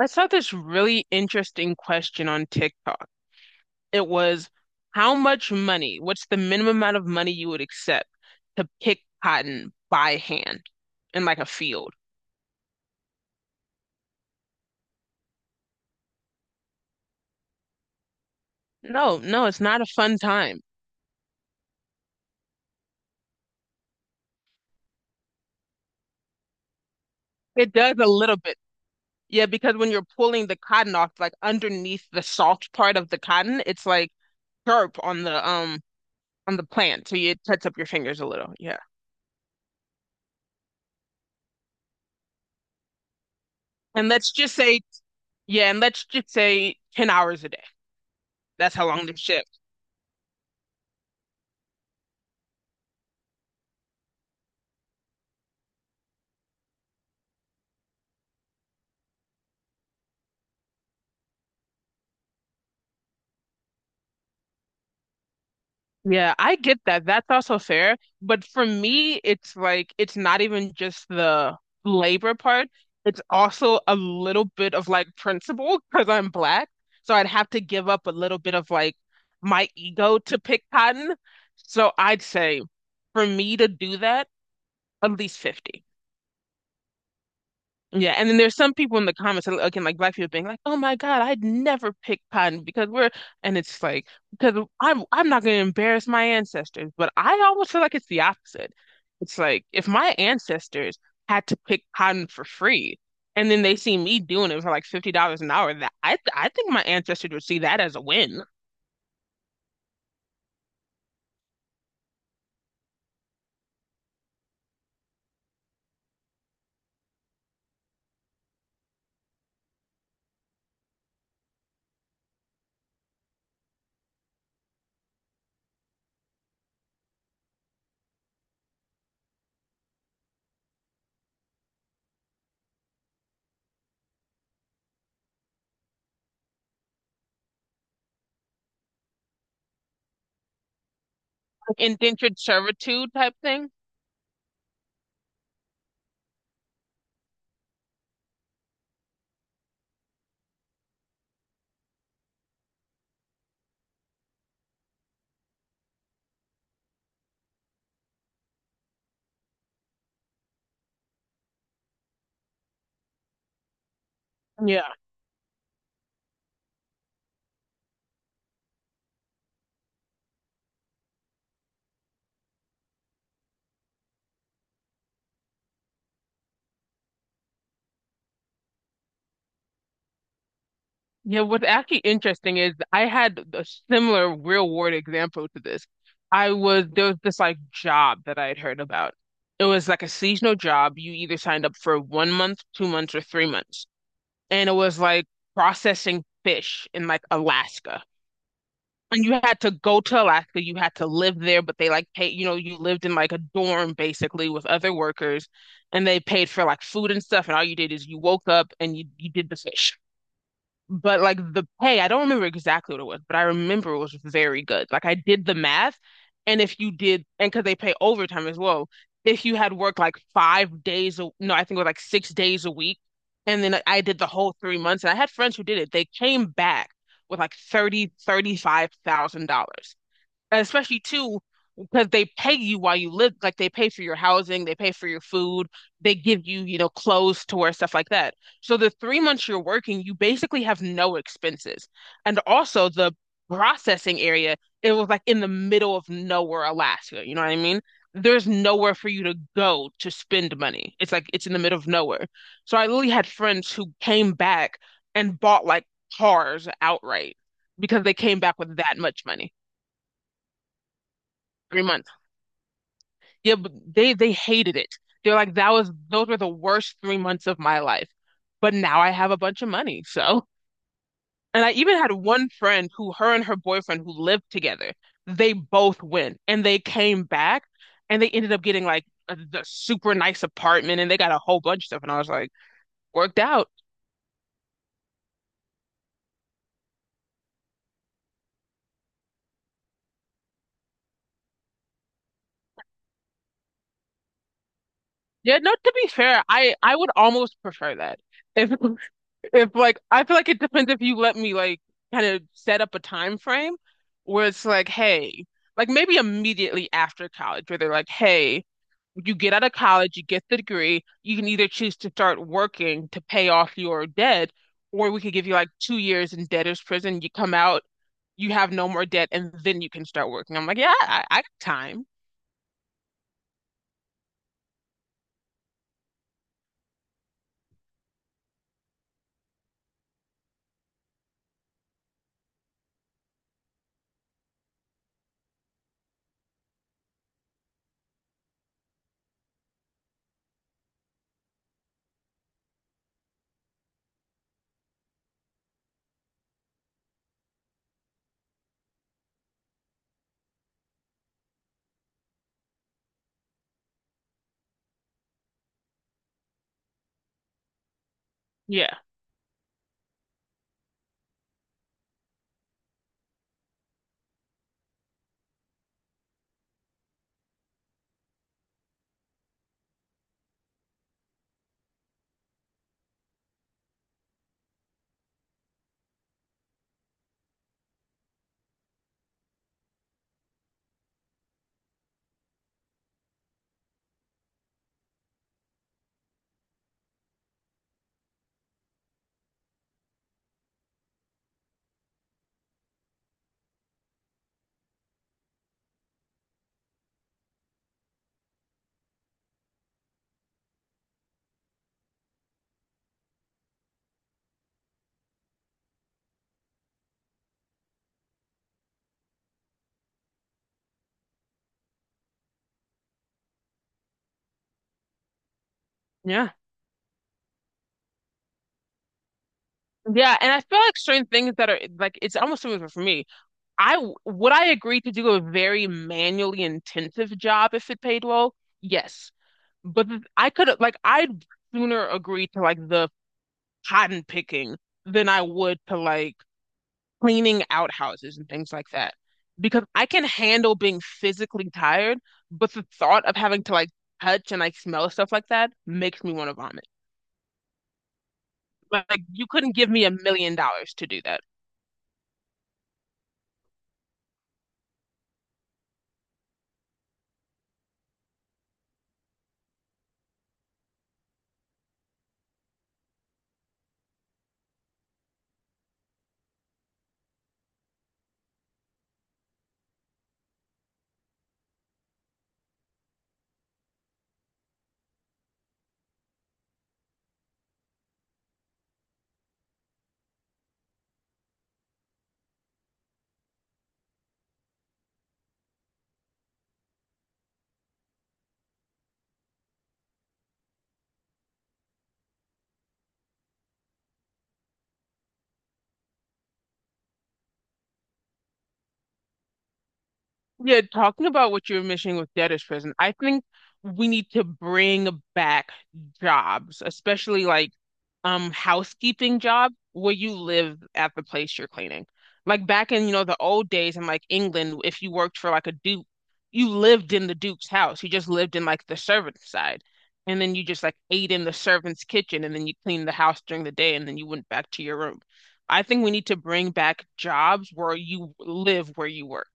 I saw this really interesting question on TikTok. It was how much money, what's the minimum amount of money you would accept to pick cotton by hand in like a field? No, no, it's not a fun time. It does a little bit. Yeah, because when you're pulling the cotton off, like underneath the soft part of the cotton, it's like sharp on the plant. So it cuts up your fingers a little. Yeah. And let's just say, yeah, and let's just say 10 hours a day. That's how long this shit. Yeah, I get that. That's also fair. But for me, it's like it's not even just the labor part. It's also a little bit of like principle because I'm black. So I'd have to give up a little bit of like my ego to pick cotton. So I'd say for me to do that, at least 50. Yeah, and then there's some people in the comments, again, like black people being like, "Oh my God, I'd never pick cotton because we're," and it's like because I'm not going to embarrass my ancestors, but I almost feel like it's the opposite. It's like if my ancestors had to pick cotton for free, and then they see me doing it for like $50 an hour, that I think my ancestors would see that as a win. Indentured servitude type thing. Yeah. Yeah, what's actually interesting is I had a similar real world example to this. I was There was this like job that I had heard about. It was like a seasonal job. You either signed up for 1 month, 2 months, or 3 months. And it was like processing fish in like Alaska. And you had to go to Alaska, you had to live there, but they like pay, you know, you lived in like a dorm basically with other workers and they paid for like food and stuff, and all you did is you woke up and you did the fish. But like the pay, I don't remember exactly what it was, but I remember it was very good. Like I did the math, and if you did, and because they pay overtime as well, if you had worked like five days, a, no, I think it was like 6 days a week, and then I did the whole 3 months, and I had friends who did it. They came back with like $35,000. And especially too, because they pay you while you live, like they pay for your housing, they pay for your food, they give you, you know, clothes to wear, stuff like that. So the 3 months you're working, you basically have no expenses. And also the processing area, it was like in the middle of nowhere, Alaska. You know what I mean? There's nowhere for you to go to spend money. It's like it's in the middle of nowhere. So I literally had friends who came back and bought like cars outright because they came back with that much money. 3 months. Yeah, but they hated it. They're like, that was those were the worst 3 months of my life. But now I have a bunch of money. So, and I even had one friend who her and her boyfriend who lived together, they both went and they came back and they ended up getting like the super nice apartment and they got a whole bunch of stuff. And I was like, worked out. Yeah, no, to be fair, I would almost prefer that. If if like I feel like it depends if you let me like kind of set up a time frame where it's like, hey, like maybe immediately after college, where they're like, hey, you get out of college, you get the degree, you can either choose to start working to pay off your debt, or we could give you like 2 years in debtor's prison. You come out, you have no more debt, and then you can start working. I'm like, yeah, I got time. Yeah, yeah, yeah. And I feel like certain things that are like it's almost similar for me. I would I agree to do a very manually intensive job if it paid well? Yes. But I could like I'd sooner agree to like the cotton picking than I would to like cleaning outhouses and things like that. Because I can handle being physically tired, but the thought of having to like touch and like smell stuff like that makes me want to vomit. Like you couldn't give me $1 million to do that. Yeah, talking about what you're mentioning with debtor's prison, I think we need to bring back jobs, especially like housekeeping job where you live at the place you're cleaning. Like back in, you know, the old days in like England, if you worked for like a duke, you lived in the duke's house. You just lived in like the servant's side. And then you just like ate in the servant's kitchen and then you cleaned the house during the day and then you went back to your room. I think we need to bring back jobs where you live where you work.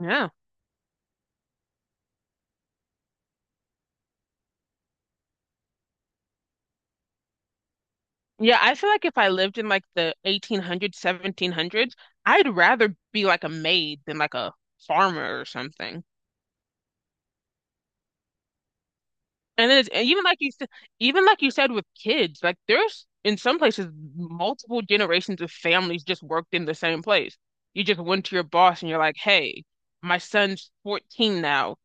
Yeah. Yeah, I feel like if I lived in like the 1800s, 1700s, I'd rather be like a maid than like a farmer or something. And then it's, and even like you said, even like you said with kids, like there's in some places multiple generations of families just worked in the same place. You just went to your boss and you're like, "Hey, my son's 14 now.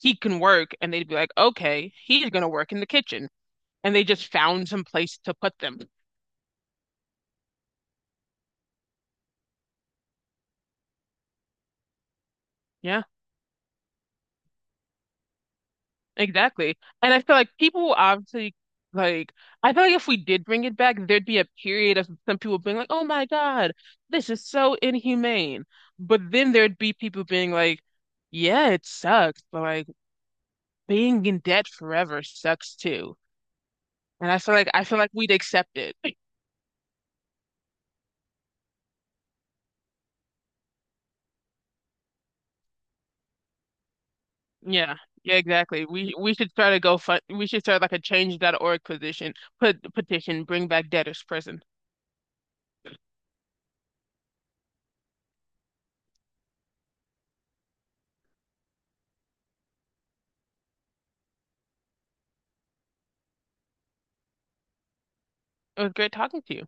He can work." And they'd be like, "Okay, he's gonna work in the kitchen." And they just found some place to put them. Yeah. Exactly. And I feel like people will obviously like I feel like if we did bring it back, there'd be a period of some people being like, "Oh my God, this is so inhumane." But then there'd be people being like, "Yeah, it sucks, but like being in debt forever sucks too." And I feel like we'd accept it. Yeah. Yeah, exactly. We should start a GoFund. We should start like a change.org position, put petition, bring back debtors prison. It was great talking to you.